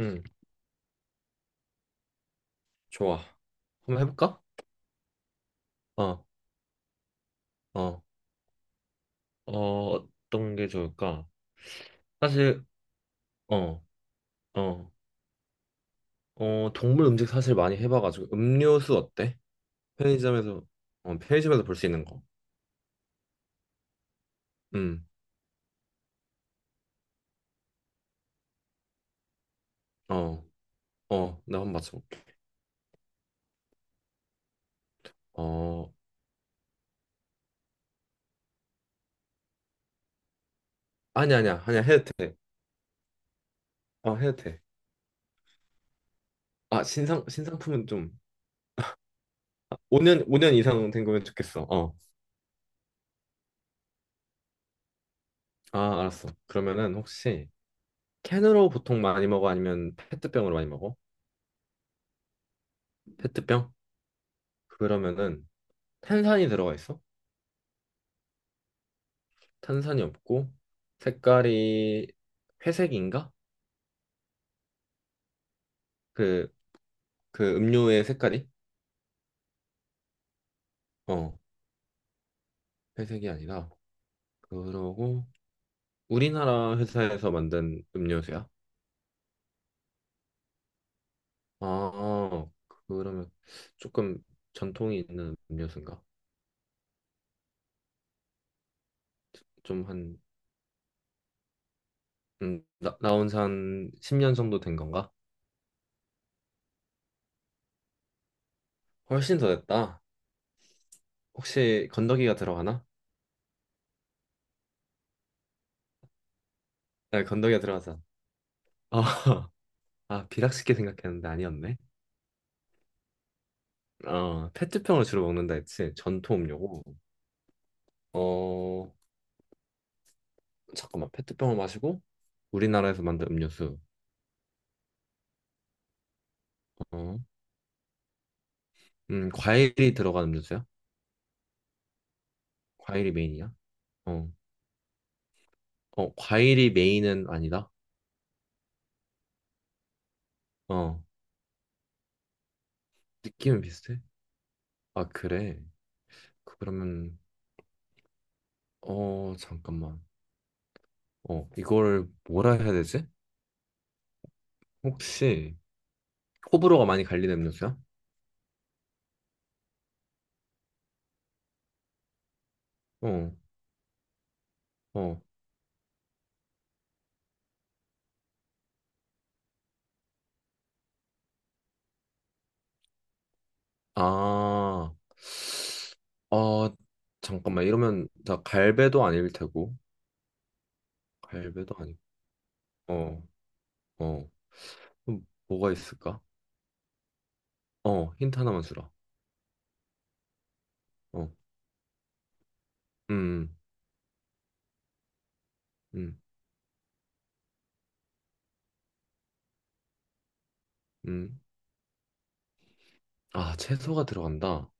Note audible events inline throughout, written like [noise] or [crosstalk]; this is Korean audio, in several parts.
응, 좋아. 한번 해볼까? 어, 어, 어, 어떤 게 좋을까? 사실, 어, 어, 어, 동물 음식 사실 많이 해봐가지고 음료수 어때? 편의점에서, 편의점에서 볼 수 있는 거. 음, 어, 어, 나 한번 맞춰볼게. 어, 아니 아니야, 아니야 해도 돼. 어, 해도 돼. 아, 신상품은 좀. 아, 5년 오 년 이상 된 거면 좋겠어. 어, 아, 알았어. 그러면은 혹시 캔으로 보통 많이 먹어 아니면 페트병으로 많이 먹어? 페트병? 그러면은 탄산이 들어가 있어? 탄산이 없고 색깔이 회색인가? 그, 그 음료의 색깔이? 어, 회색이 아니라 그러고 우리나라 회사에서 만든 음료수야? 아, 그러면 조금 전통이 있는 음료수인가? 좀 한, 나온 지 한 10년 정도 된 건가? 훨씬 더 됐다. 혹시 건더기가 들어가나? 네 건더기가 들어가자. 아, [laughs] 아, 비락식게 생각했는데 아니었네. 아, 페트병을 주로 먹는다 했지. 전통 음료고. 어, 잠깐만. 페트병을 마시고 우리나라에서 만든 음료수. 어. 과일이 들어간 음료수야? 과일이 메인이야? 어. 어, 과일이 메인은 아니다. 어. 느낌은 비슷해? 아, 그래. 그러면 어, 잠깐만. 어, 이걸 뭐라 해야 되지? 혹시 호불호가 많이 갈리는 음료수야? 어. 어. 아, 어, 잠깐만. 이러면 나 갈배도 아닐 테고. 갈배도 아니고. 어, 어. 그럼 뭐가 있을까? 어, 힌트 하나만 주라. 어, 음, 음, 음. 아, 채소가 들어간다.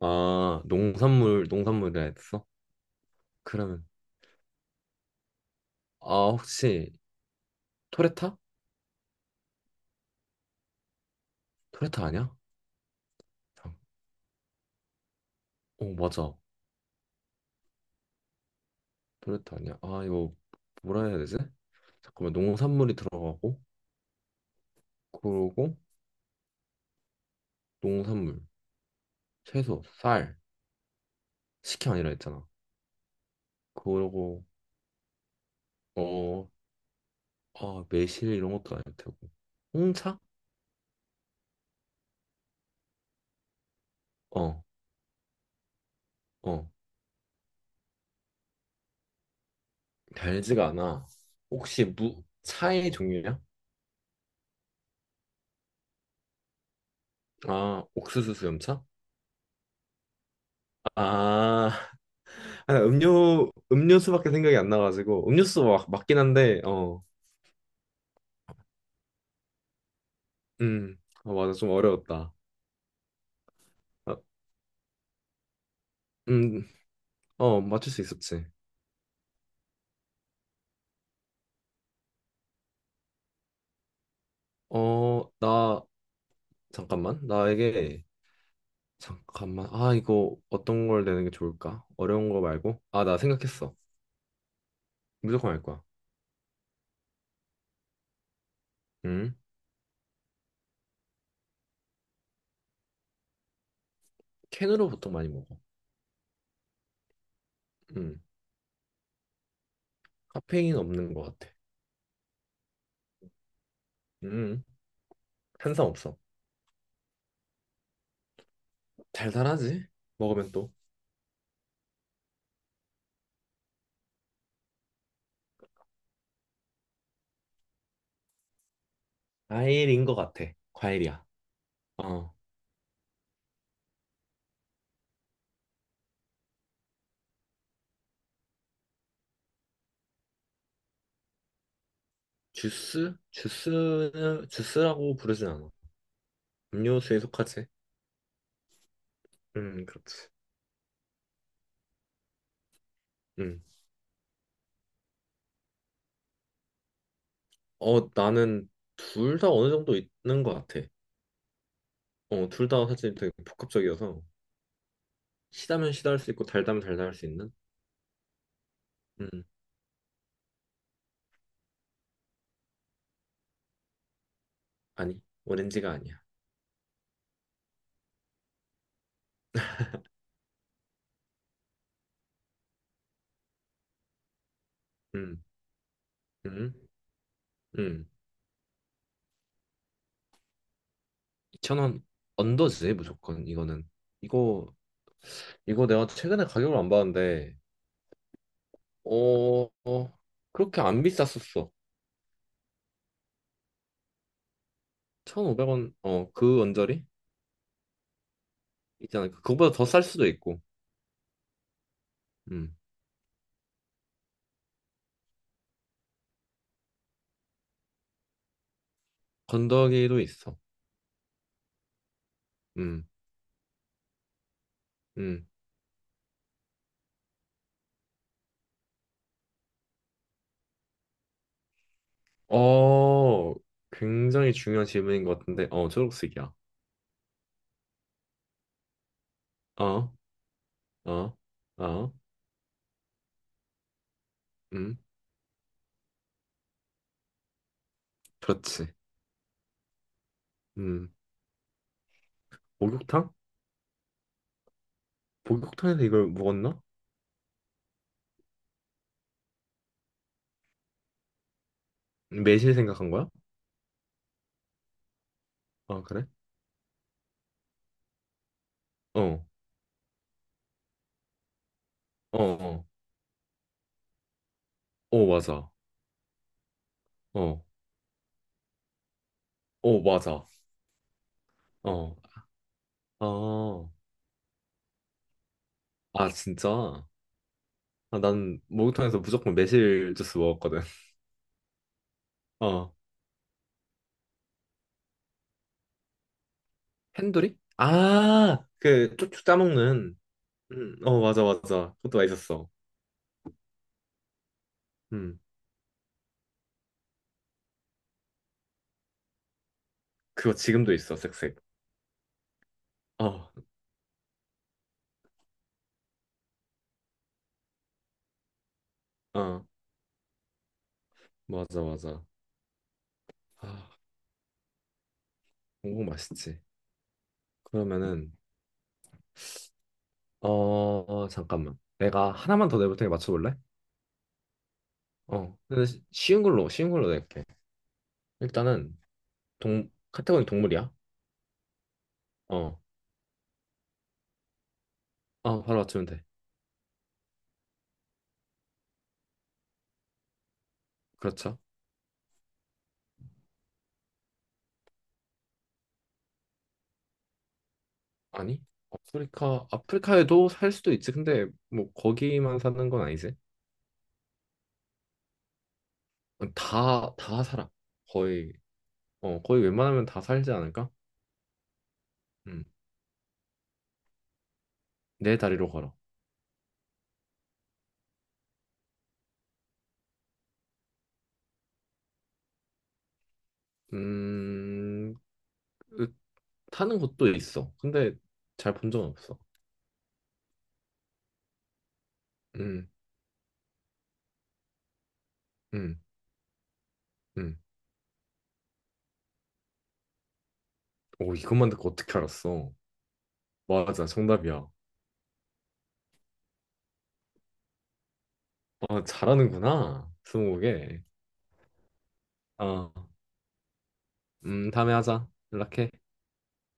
아, 농산물, 농산물이라 했어? 그러면, 아, 혹시 토레타? 토레타 아니야? 잠- 어, 맞아. 토레타 아니야. 아, 이거 뭐라 해야 되지? 잠깐만, 농산물이 들어가고, 그러고, 농산물, 채소, 쌀. 식혜 아니라 했잖아. 그러고 어, 아, 매실 이런 것도 아닐 테고. 홍차? 어, 어. 달지가 않아. 혹시 무 차의 종류냐? 아, 옥수수 수염차? 아, [laughs] 아니, 음료수밖에 생각이 안 나가지고 음료수 막 맞긴 한데 어, 음, 아, 맞아 좀 어려웠다. 아, 음, 어 맞출 수 있었지. 어, 나 잠깐만 나에게 잠깐만. 아, 이거 어떤 걸 내는 게 좋을까? 어려운 거 말고? 아, 나 생각했어. 무조건 알 거야. 음. 캔으로 보통 많이 먹어. 음. 카페인 없는 거 같아. 음. 탄산 없어. 달달하지? 먹으면 또. 과일인 거 같아. 과일이야. 어. 주스? 주스는 주스라고 부르진 않아. 음료수에 속하지? 그렇지. 음. 어, 나는 둘 다 어느 정도 있는 거 같아. 어, 둘 다 사실 되게 복합적이어서 시다면 시다 할 수 있고 달다면 달다 할 수 있는? 음, 아니, 오렌지가 아니야. 음, 음, 음. 2,000원 언더지, 무조건, 이거는. 이거, 이거 내가 최근에 가격을 안 봤는데, 어, 어, 그렇게 안 비쌌었어. 1,500원, 어, 그 언저리? 있잖아. 그거보다 더 쌀 수도 있고, 음, 건더기도 있어. 음, 음. 어, 굉장히 중요한 질문인 것 같은데, 어, 초록색이야. 어, 어, 어, 음, 그렇지. 음, 목욕탕? 목욕탕에서 이걸 먹었나? 매실 생각한 거야? 아, 그래? 어, 어, 어, 어, 맞아. 어, 어, 맞아. 어, 아, 아, 진짜? 아, 난 목욕탕에서 무조건 매실 주스 먹었거든. [laughs] 어, 핸 e 이 아, 그 쭉쭉 짜먹는. 어, 맞아, 맞아. 그것도 맛있었어. 음, 그거 지금도 있어, 색색. 어, 어, 맞아, 맞아. 아, 공복 맛있지. 그러면은, 어, 어, 잠깐만. 내가 하나만 더 내볼 테니 맞춰볼래? 어, 근데 쉬운 걸로 낼게. 일단은 동 카테고리 동물이야. 어. 아, 바로 맞추면 돼. 그렇죠? 아니? 아프리카에도 살 수도 있지. 근데 뭐 거기만 사는 건 아니지. 다 살아. 거의 거의 웬만하면 다 살지 않을까? 음. 네 다리로 걸어. 음. 으, 타는 곳도 있어. 근데 잘 본 적은 없어. 음. 음. 음. 오, 이것만 듣고 어떻게 알았어? 맞아. 정답이야. 아, 잘하는구나. 스무고개. 아, 다음에 하자. 연락해.